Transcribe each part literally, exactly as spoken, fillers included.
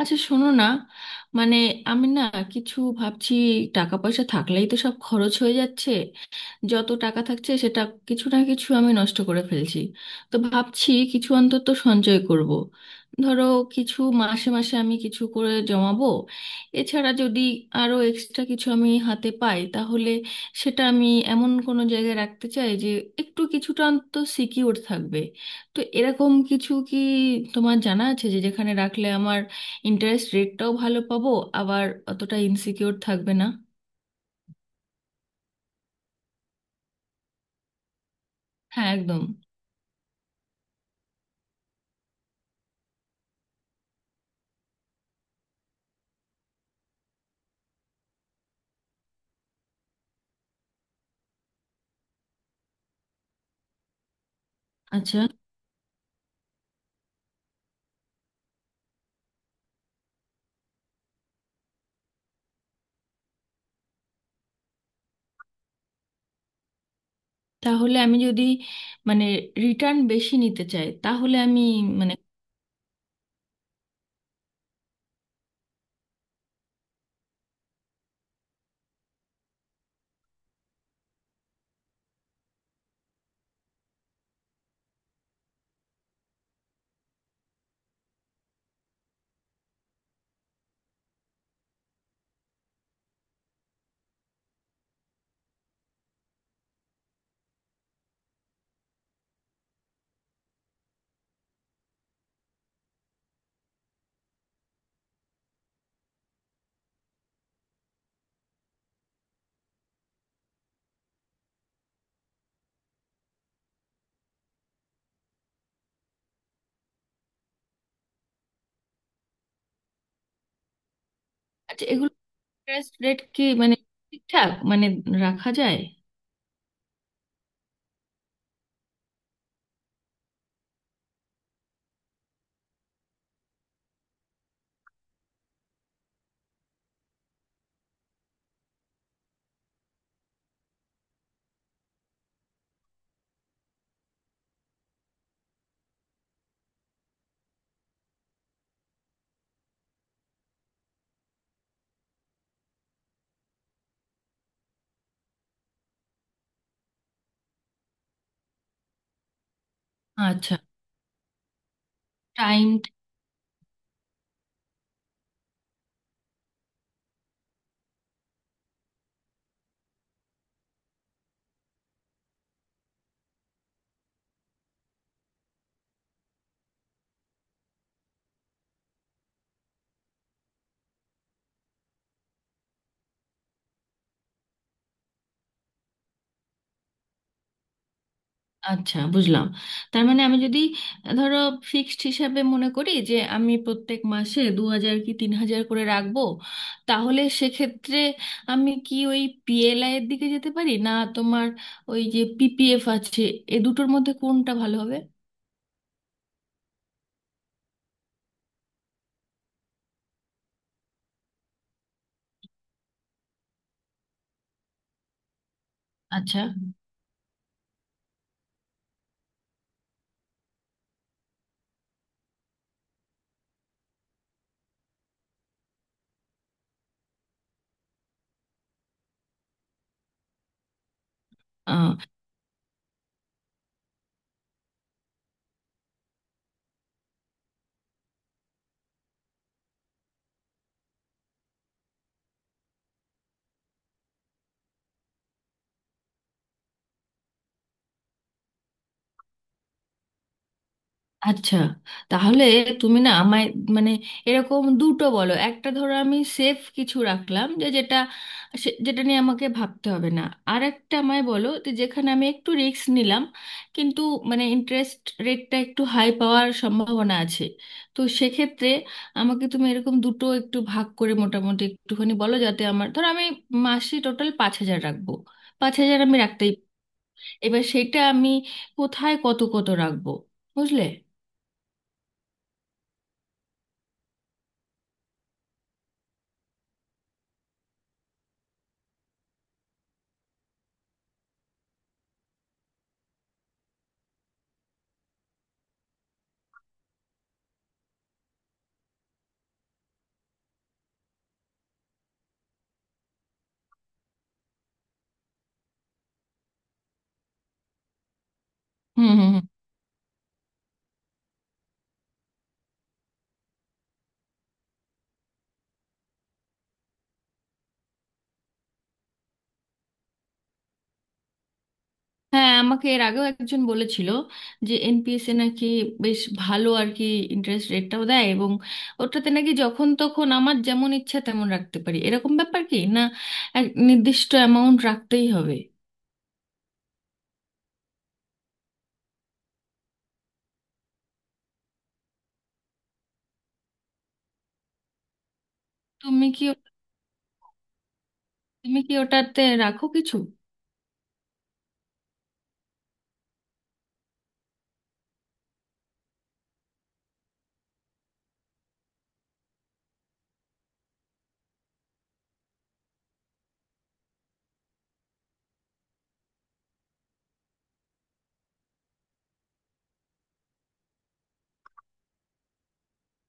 আচ্ছা শোনো না, মানে আমি না কিছু ভাবছি। টাকা পয়সা থাকলেই তো সব খরচ হয়ে যাচ্ছে, যত টাকা থাকছে সেটা কিছু না কিছু আমি নষ্ট করে ফেলছি। তো ভাবছি কিছু অন্তত সঞ্চয় করব। ধরো কিছু মাসে মাসে আমি কিছু করে জমাবো, এছাড়া যদি আরো এক্সট্রা কিছু আমি হাতে পাই তাহলে সেটা আমি এমন কোনো জায়গায় রাখতে চাই যে একটু কিছুটা অন্তত সিকিউর থাকবে। তো এরকম কিছু কি তোমার জানা আছে যে যেখানে রাখলে আমার ইন্টারেস্ট রেটটাও ভালো পাবো, আবার অতটা ইনসিকিউর থাকবে না? হ্যাঁ, একদম। আচ্ছা, তাহলে আমি যদি মানে রিটার্ন বেশি নিতে চাই তাহলে আমি মানে আচ্ছা, এগুলো ইন্টারেস্ট রেট কি মানে ঠিকঠাক মানে রাখা যায়? আচ্ছা। টাইম। আচ্ছা, বুঝলাম। তার মানে আমি যদি ধরো ফিক্সড হিসাবে মনে করি যে আমি প্রত্যেক মাসে দু হাজার কি তিন হাজার করে রাখবো, তাহলে সেক্ষেত্রে আমি কি ওই পি এল আই এর দিকে যেতে পারি না? তোমার ওই যে পি পি এফ আছে, এ দুটোর মধ্যে কোনটা ভালো হবে? আচ্ছা। আচ্ছা, তাহলে তুমি না আমায় মানে এরকম দুটো বলো। একটা ধরো আমি সেফ কিছু রাখলাম যে যেটা সে- যেটা নিয়ে আমাকে ভাবতে হবে না, আর একটা আমায় বলো যে যেখানে আমি একটু রিস্ক নিলাম, কিন্তু মানে ইন্টারেস্ট রেটটা একটু হাই পাওয়ার সম্ভাবনা আছে। তো সেক্ষেত্রে আমাকে তুমি এরকম দুটো একটু ভাগ করে মোটামুটি একটুখানি বলো, যাতে আমার ধরো আমি মাসে টোটাল পাঁচ হাজার রাখবো। পাঁচ হাজার আমি রাখতেই, এবার সেটা আমি কোথায় কত কত রাখবো, বুঝলে? হুম, হুম। হ্যাঁ, আমাকে এর আগেও একজন বলেছিল যে এন পি এস এ নাকি বেশ ভালো আর কি, ইন্টারেস্ট রেটটাও দেয়, এবং ওটাতে নাকি যখন তখন আমার যেমন ইচ্ছা তেমন রাখতে পারি, এরকম ব্যাপার কি না এক নির্দিষ্ট অ্যামাউন্ট রাখতেই হবে? তুমি কি তুমি কি ওটাতে রাখো কিছু?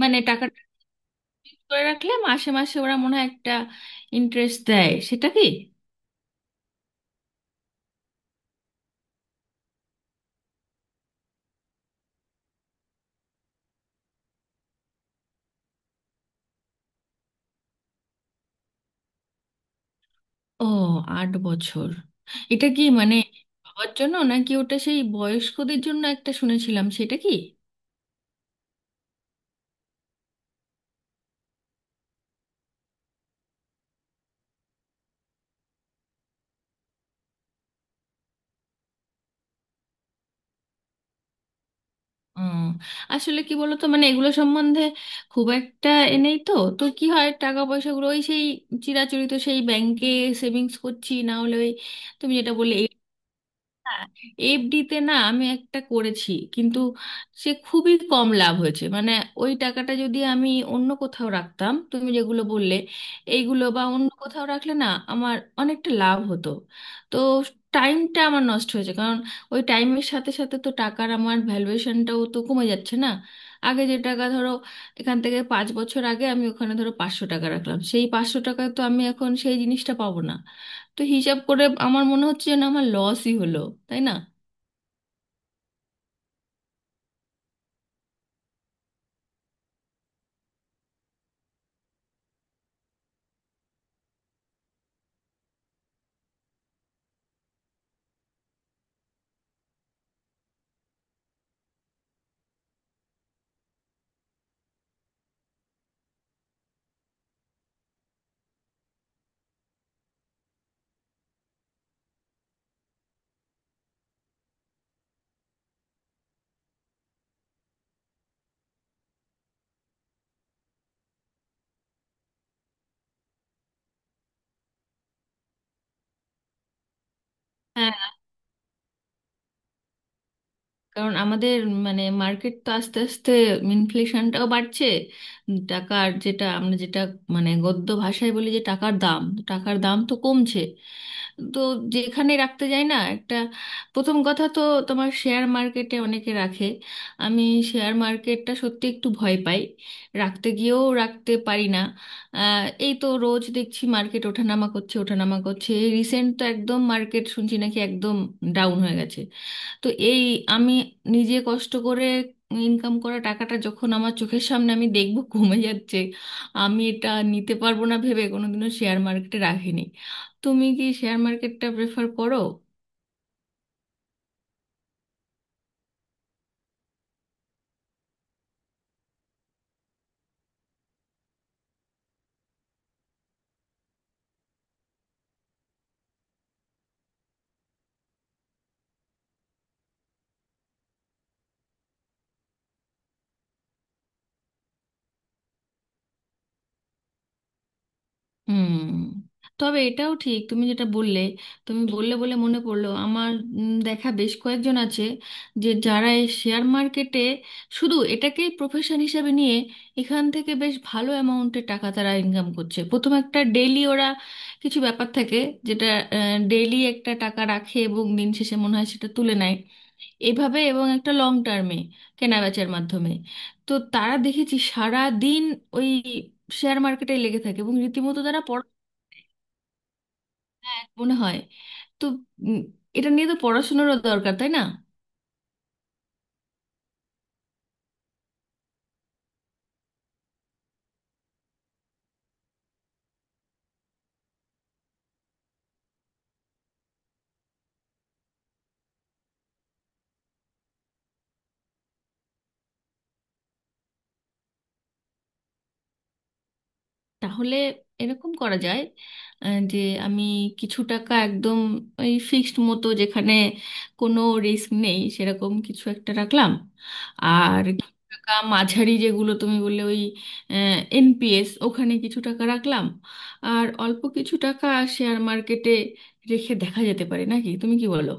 মানে টাকাটা করে রাখলে মাসে মাসে ওরা মনে হয় একটা ইন্টারেস্ট দেয়, সেটা কি? ও, আট বছর। এটা কি মানে বাবার জন্য নাকি? ওটা সেই বয়স্কদের জন্য একটা শুনেছিলাম, সেটা কি? উম, আসলে কি বলতো, মানে এগুলো সম্বন্ধে খুব একটা এ নেই তো। তো কি হয়, টাকা পয়সাগুলো ওই সেই চিরাচরিত সেই ব্যাংকে সেভিংস করছি, না হলে ওই তুমি যেটা বললে, হ্যাঁ, এফ ডি তে। না আমি একটা করেছি কিন্তু সে খুবই কম লাভ হয়েছে। মানে ওই টাকাটা যদি আমি অন্য কোথাও রাখতাম, তুমি যেগুলো বললে এইগুলো বা অন্য কোথাও রাখলে না, আমার অনেকটা লাভ হতো। তো টাইমটা আমার নষ্ট হয়েছে, কারণ ওই টাইমের সাথে সাথে তো টাকার আমার ভ্যালুয়েশনটাও তো কমে যাচ্ছে না। আগে যে টাকা ধরো এখান থেকে পাঁচ বছর আগে আমি ওখানে ধরো পাঁচশো টাকা রাখলাম, সেই পাঁচশো টাকায় তো আমি এখন সেই জিনিসটা পাবো না। তো হিসাব করে আমার মনে হচ্ছে যেন আমার লসই হলো, তাই না? হ্যাঁ। কারণ আমাদের মানে মার্কেট তো আস্তে আস্তে ইনফ্লেশনটাও বাড়ছে। টাকার যেটা আমরা যেটা মানে গদ্য ভাষায় বলি যে টাকার দাম, টাকার দাম তো কমছে। তো যেখানে রাখতে যাই না, একটা প্রথম কথা তো তোমার শেয়ার মার্কেটে অনেকে রাখে। আমি শেয়ার মার্কেটটা সত্যি একটু ভয় পাই, রাখতে গিয়েও রাখতে পারি না। আহ, এই তো রোজ দেখছি মার্কেট ওঠানামা করছে, ওঠানামা করছে। রিসেন্ট তো একদম মার্কেট শুনছি নাকি একদম ডাউন হয়ে গেছে। তো এই আমি নিজে কষ্ট করে ইনকাম করা টাকাটা যখন আমার চোখের সামনে আমি দেখব কমে যাচ্ছে, আমি এটা নিতে পারবো না ভেবে কোনোদিনও শেয়ার মার্কেটে রাখিনি। তুমি কি শেয়ার মার্কেটটা প্রেফার করো? হুম। তবে এটাও ঠিক তুমি যেটা বললে, তুমি বললে বলে মনে পড়লো আমার। উম, দেখা বেশ কয়েকজন আছে যে যারা এই শেয়ার মার্কেটে শুধু এটাকেই প্রফেশন হিসাবে নিয়ে এখান থেকে বেশ ভালো অ্যামাউন্টের টাকা তারা ইনকাম করছে। প্রথম একটা ডেইলি ওরা কিছু ব্যাপার থাকে, যেটা ডেইলি একটা টাকা রাখে এবং দিন শেষে মনে হয় সেটা তুলে নেয়, এভাবে, এবং একটা লং টার্মে কেনাবেচার মাধ্যমে। তো তারা দেখেছি সারা দিন ওই শেয়ার মার্কেটে লেগে থাকে এবং রীতিমতো হ্যাঁ মনে হয়। তো উম, এটা নিয়ে তো পড়াশোনারও দরকার, তাই না? তাহলে এরকম করা যায়, আহ, যে আমি কিছু টাকা একদম ওই ফিক্সড মতো যেখানে কোনো রিস্ক নেই সেরকম কিছু একটা রাখলাম, আর কিছু টাকা মাঝারি যেগুলো তুমি বললে ওই এন পি এস, ওখানে কিছু টাকা রাখলাম, আর অল্প কিছু টাকা শেয়ার মার্কেটে রেখে দেখা যেতে পারে নাকি, তুমি কি বলো?